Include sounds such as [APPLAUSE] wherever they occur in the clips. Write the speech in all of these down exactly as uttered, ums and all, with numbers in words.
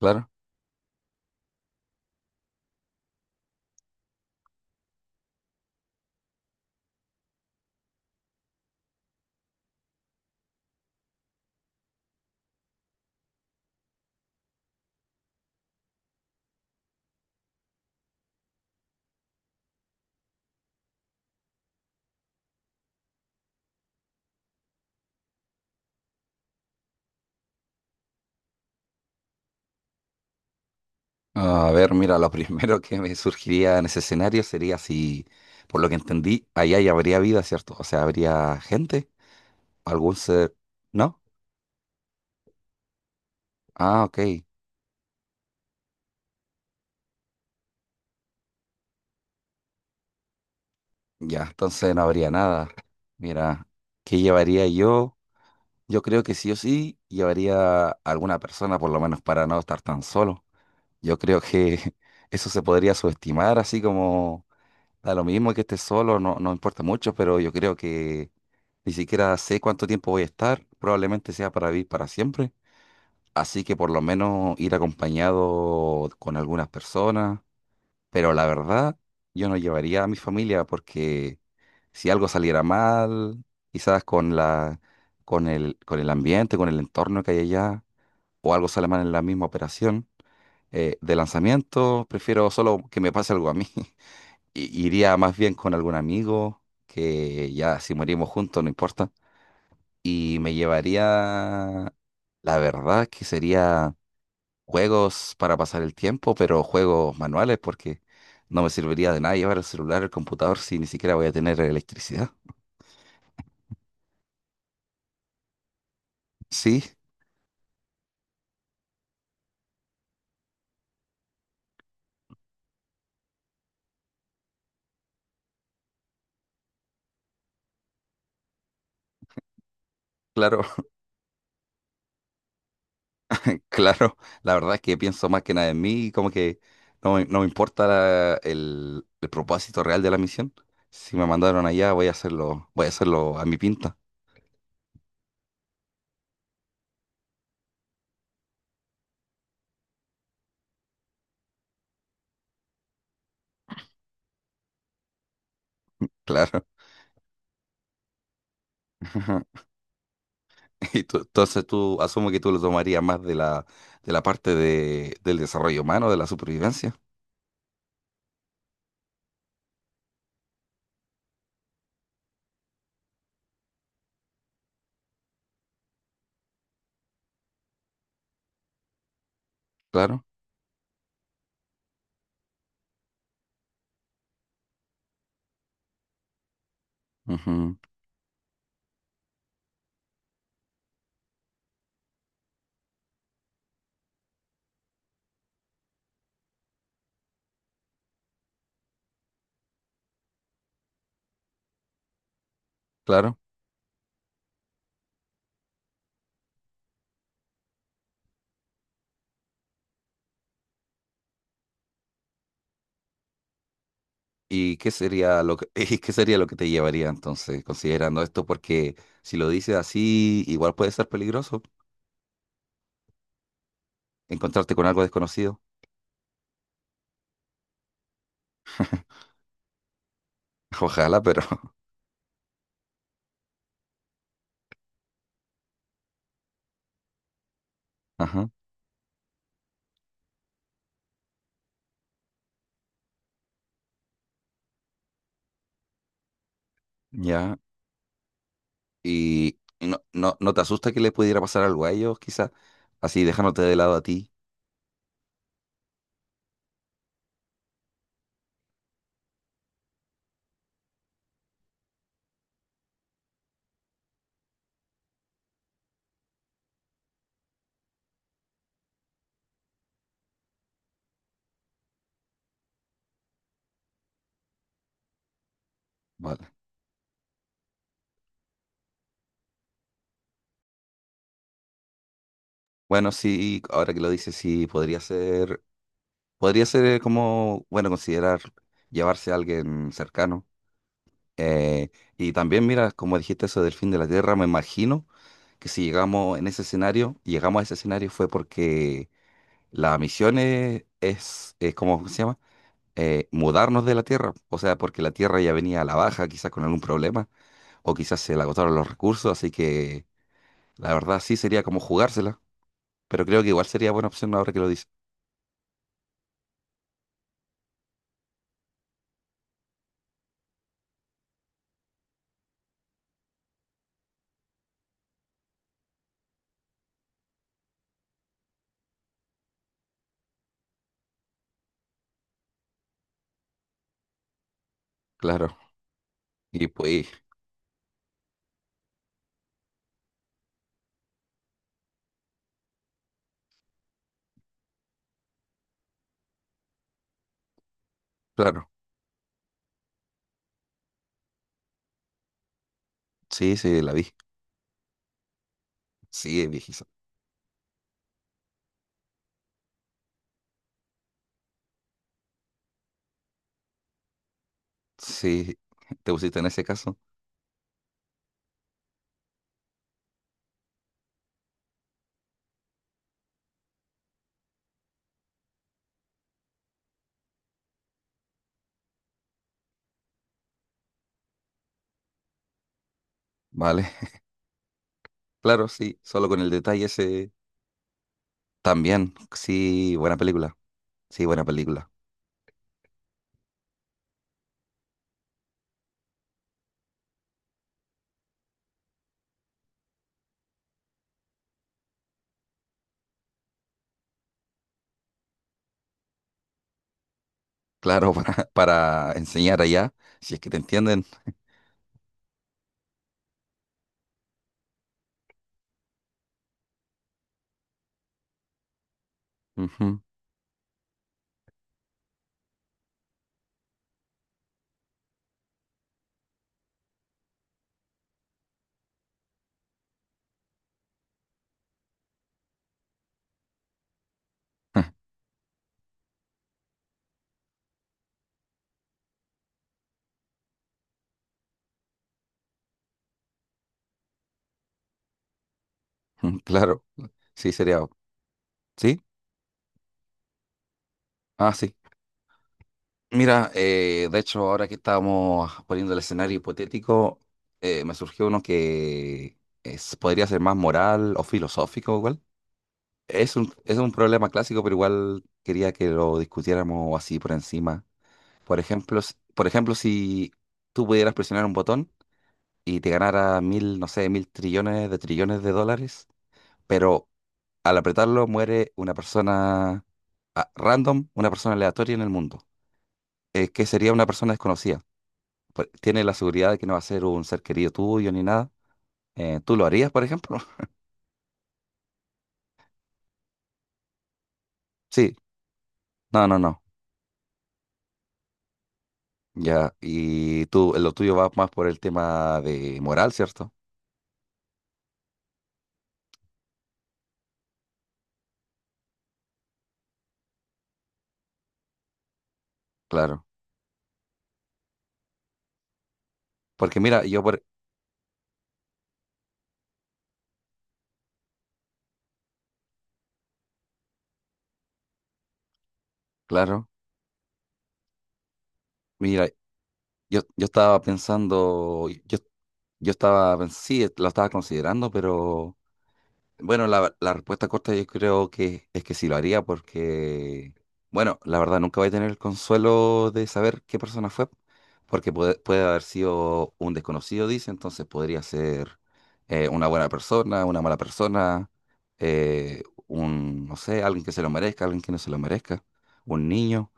Claro. Ah, a ver, mira, lo [LAUGHS] primero que me surgiría en ese escenario sería, si por lo que entendí, allá ya habría vida, ¿cierto? O sea, habría gente, algún ser, ¿no? Ah, ok. Ya, entonces no habría nada. Mira, ¿qué llevaría yo? Yo creo que sí o sí llevaría a alguna persona, por lo menos para no estar tan solo. Yo creo que [LAUGHS] eso se podría subestimar, así como da lo mismo que esté solo, no, no importa mucho, pero yo creo que ni siquiera sé cuánto tiempo voy a estar. Probablemente sea para vivir para siempre. Así que por lo menos ir acompañado con algunas personas. Pero la verdad, yo no llevaría a mi familia porque, si algo saliera mal, quizás con la, con el, con el ambiente, con el entorno que hay allá, o algo sale mal en la misma operación eh, de lanzamiento, prefiero solo que me pase algo a mí. [LAUGHS] I- iría más bien con algún amigo, que ya si morimos juntos, no importa. Y me llevaría, la verdad, que sería juegos para pasar el tiempo, pero juegos manuales, porque no me serviría de nada llevar el celular, el computador, si ni siquiera voy a tener electricidad. Sí, claro, [LAUGHS] claro. La verdad es que pienso más que nada en mí, y como que no, me- no me importa la- el, el propósito real de la misión. Si me mandaron allá, voy a hacerlo, voy a hacerlo a mi pinta, claro. [LAUGHS] [LAUGHS] Y tú- entonces tú, asumo que tú lo tomarías más de la, de la parte de, del desarrollo humano, de la supervivencia, claro. Ujú, claro. ¿Y qué sería lo que, [LAUGHS] y qué sería lo que te llevaría entonces, considerando esto? Porque si lo dices así, igual puede ser peligroso encontrarte con algo desconocido. [LAUGHS] Ojalá, pero [LAUGHS] ajá, ya. Y, y no, no, ¿no te asusta que le pudiera pasar algo a ellos, quizás? Así dejándote de lado a ti. Vale. Bueno, sí, ahora que lo dices, sí, podría ser. Podría ser eh, como, bueno, considerar llevarse a alguien cercano. Eh, y también, mira, como dijiste eso del fin de la Tierra, me imagino que si llegamos en ese escenario, llegamos a ese escenario fue porque la misión es, es, es como ¿cómo se llama? Eh, mudarnos de la Tierra. O sea, porque la Tierra ya venía a la baja, quizás con algún problema, o quizás se le agotaron los recursos, así que la verdad sí sería como jugársela. Pero creo que igual sería buena opción ahora que lo dices. Claro. Y pues, claro. Sí, sí, la vi. Sí, viejizo. Sí, [LAUGHS] te pusiste en ese caso. Vale. [LAUGHS] Claro, sí, solo con el detalle ese también. Sí, buena película. Sí, buena película. Claro, [LAUGHS] para, para enseñar allá, si es que te entienden. Ujú. [LAUGHS] Claro, sí, sería. ¿Sí? Ah, sí. Mira, eh, de hecho, ahora que estábamos poniendo el escenario hipotético, eh, me surgió uno que es- podría ser más moral o filosófico, igual. Es un, es un problema clásico, pero igual quería que lo discutiéramos así por encima. Por ejemplo, s- por ejemplo, si tú pudieras presionar un botón y te ganara mil, no sé, mil trillones de trillones de dólares, pero al apretarlo muere una persona, ah, random, una persona aleatoria en el mundo, eh, que sería una persona desconocida. Por- Tiene la seguridad de que no va a ser un ser querido tuyo ni nada. Eh, ¿tú lo harías, por ejemplo? [LAUGHS] Sí. No, no, no. Ya, y tú, lo tuyo va más por el tema de moral, ¿cierto? Claro. Porque mira, yo por, claro, mira, yo, yo estaba pensando, yo, yo estaba, pens- sí, lo estaba considerando, pero bueno, la, la respuesta corta yo creo que es que sí lo haría porque, bueno, la verdad nunca voy a tener el consuelo de saber qué persona fue, porque puede, puede haber sido un desconocido, dice, entonces podría ser eh, una buena persona, una mala persona, eh, un, no sé, alguien que se lo merezca, alguien que no se lo merezca, un niño,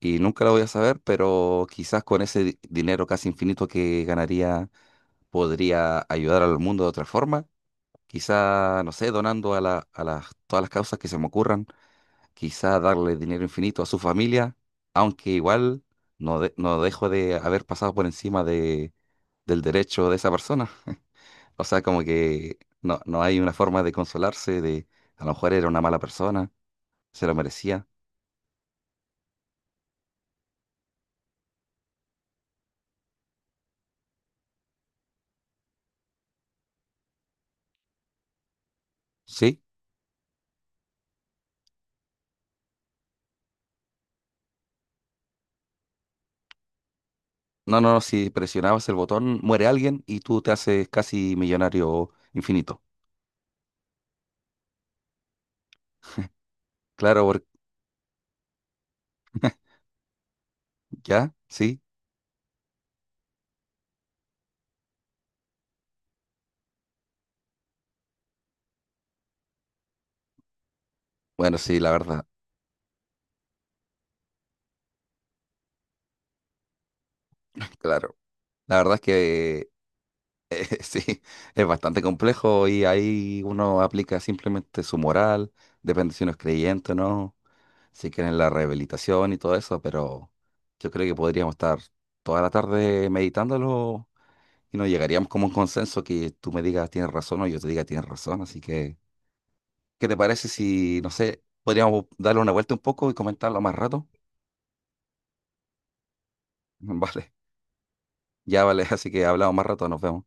y nunca lo voy a saber, pero quizás con ese di- dinero casi infinito que ganaría podría ayudar al mundo de otra forma, quizá, no sé, donando a la, a las, todas las causas que se me ocurran, quizá darle dinero infinito a su familia, aunque igual no, de- no dejo de haber pasado por encima de, del derecho de esa persona. O sea, como que no, no hay una forma de consolarse de a lo mejor era una mala persona, se lo merecía. Sí, no, no, no, si presionabas el botón, muere alguien y tú te haces casi millonario infinito. Claro, porque ya, sí. Bueno, sí, la verdad, [LAUGHS] claro. La verdad es que [LAUGHS] sí, es bastante complejo y ahí uno aplica simplemente su moral, depende si uno es creyente o no, si quieren la rehabilitación y todo eso, pero yo creo que podríamos estar toda la tarde meditándolo y nos llegaríamos como a un consenso que tú me digas tienes razón o yo te diga tienes razón, así que, ¿qué te parece si, no sé, podríamos darle una vuelta un poco y comentarlo más rato? [LAUGHS] Vale, ya vale, así que hablamos más rato, nos vemos.